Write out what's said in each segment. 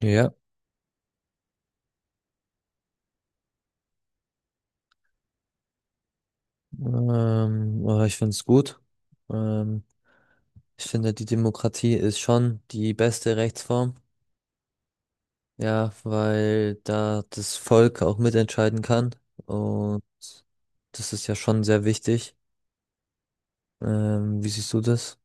Ja, aber ich finde es gut. Ähm, Ich finde, die Demokratie ist schon die beste Rechtsform. Ja, weil da das Volk auch mitentscheiden kann. Und das ist ja schon sehr wichtig. Wie siehst du das?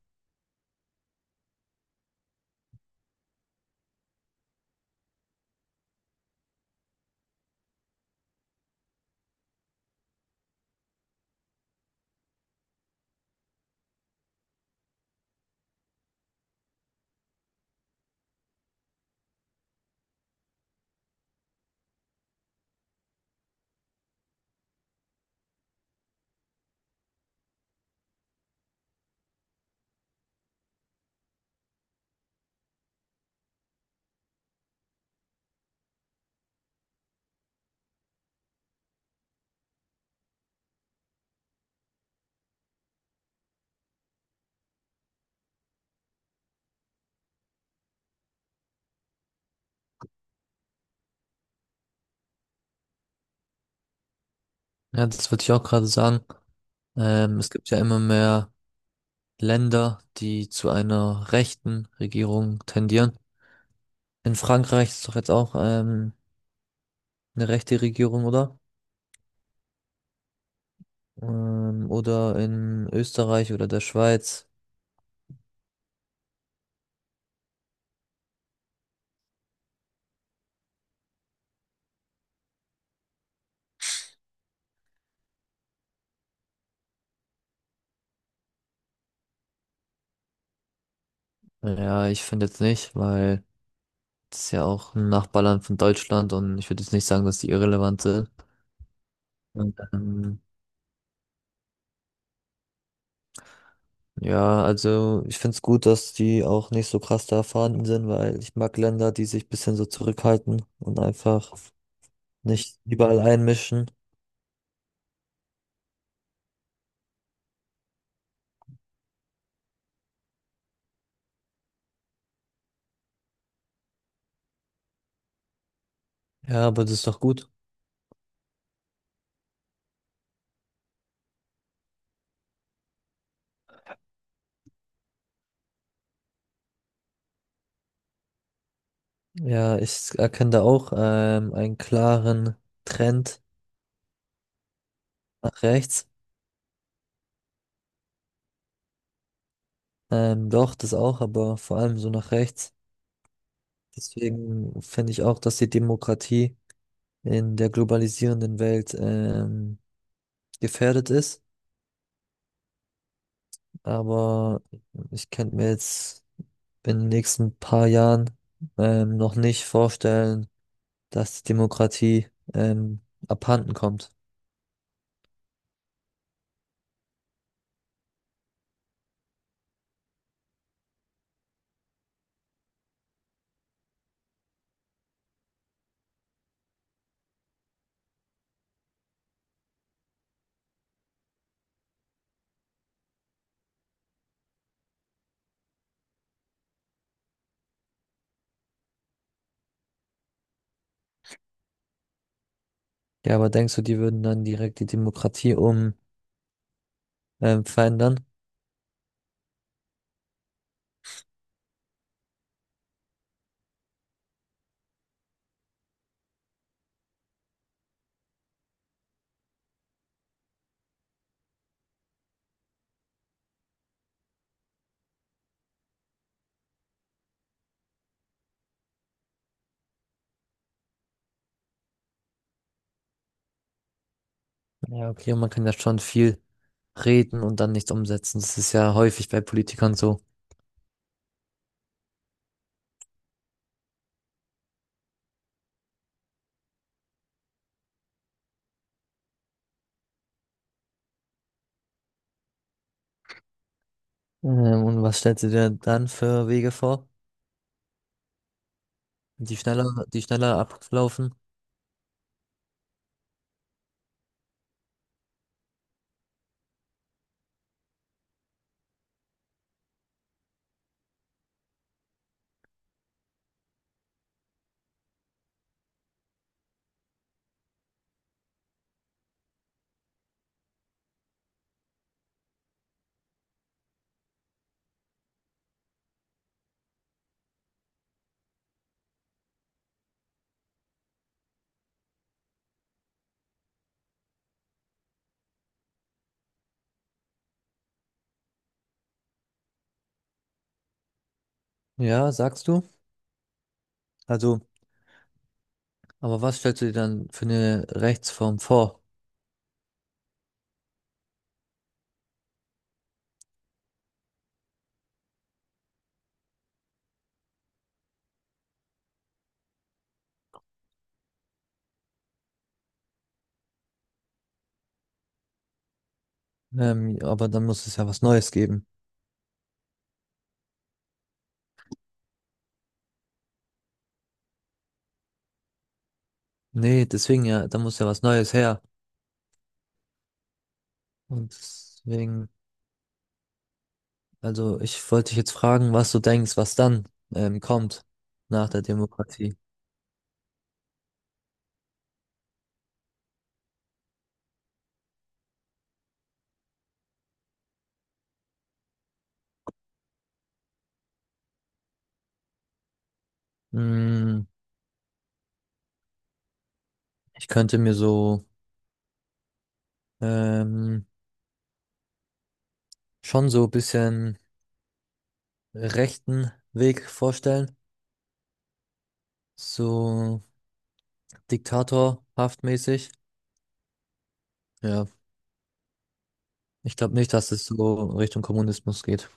Ja, das würde ich auch gerade sagen. Es gibt ja immer mehr Länder, die zu einer rechten Regierung tendieren. In Frankreich ist doch jetzt auch eine rechte Regierung, oder? Oder in Österreich oder der Schweiz. Ja, ich finde jetzt nicht, weil das ist ja auch ein Nachbarland von Deutschland und ich würde jetzt nicht sagen, dass die irrelevant sind. Und, ähm, ja, also ich finde es gut, dass die auch nicht so krass da erfahren sind, weil ich mag Länder, die sich ein bisschen so zurückhalten und einfach nicht überall einmischen. Ja, aber das ist doch gut. Ja, ich erkenne da auch einen klaren Trend nach rechts. Doch, das auch, aber vor allem so nach rechts. Deswegen finde ich auch, dass die Demokratie in der globalisierenden Welt gefährdet ist. Aber ich könnte mir jetzt in den nächsten paar Jahren noch nicht vorstellen, dass die Demokratie ähm, abhanden kommt. Ja, aber denkst du, die würden dann direkt die Demokratie um verändern? Ja, okay, man kann ja schon viel reden und dann nichts umsetzen. Das ist ja häufig bei Politikern so. Und was stellst du dir dann für Wege vor? Die schneller ablaufen. Ja, sagst du? Also, aber was stellst du dir dann für eine Rechtsform vor? Aber dann muss es ja was Neues geben. Nee, deswegen ja, da muss ja was Neues her. Und deswegen, also ich wollte dich jetzt fragen, was du denkst, was dann kommt nach der Demokratie. Mm, ich könnte mir so ähm, schon so ein bisschen rechten Weg vorstellen. So diktatorhaft mäßig. Ja. Ich glaube nicht, dass es so Richtung Kommunismus geht.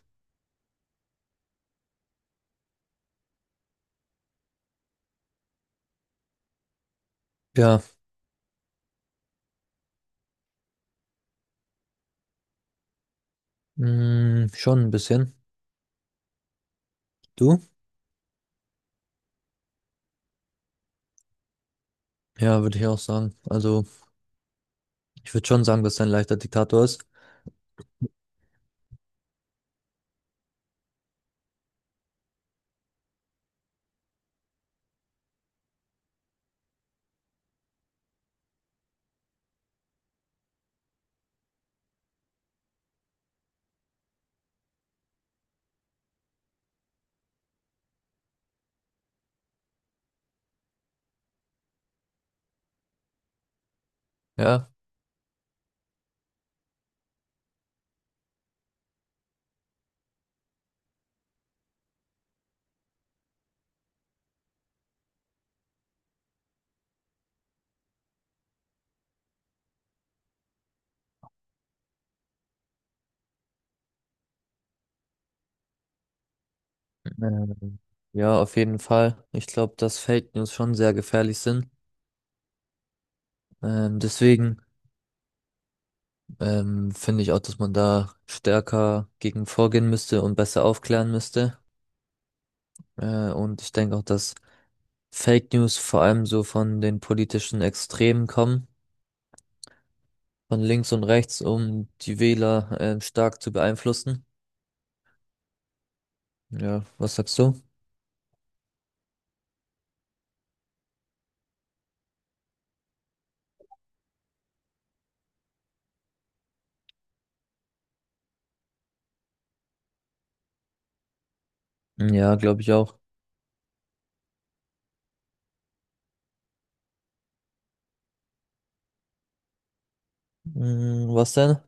Ja, mh, schon ein bisschen. Du? Ja, würde ich auch sagen. Also, ich würde schon sagen, dass er ein leichter Diktator ist. Ja, Ähm, ja, auf jeden Fall. Ich glaube, dass Fake News schon sehr gefährlich sind. Deswegen finde ich auch, dass man da stärker gegen vorgehen müsste und besser aufklären müsste. Und ich denke auch, dass Fake News vor allem so von den politischen Extremen kommen. Von links und rechts, um die Wähler stark zu beeinflussen. Ja, was sagst du? Ja, glaube ich auch. Hm, was denn?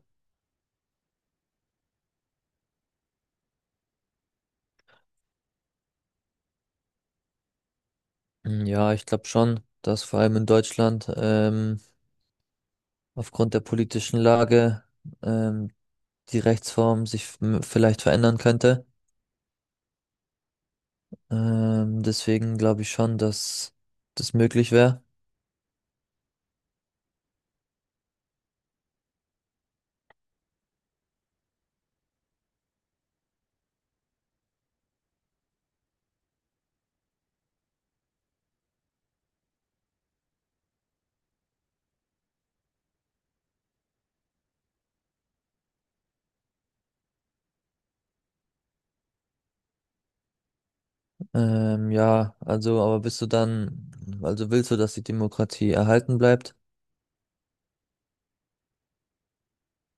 Hm, ja, ich glaube schon, dass vor allem in Deutschland aufgrund der politischen Lage ähm, die Rechtsform sich vielleicht verändern könnte. Deswegen glaube ich schon, dass das möglich wäre. Ja, also, aber bist du dann, also willst du, dass die Demokratie erhalten bleibt?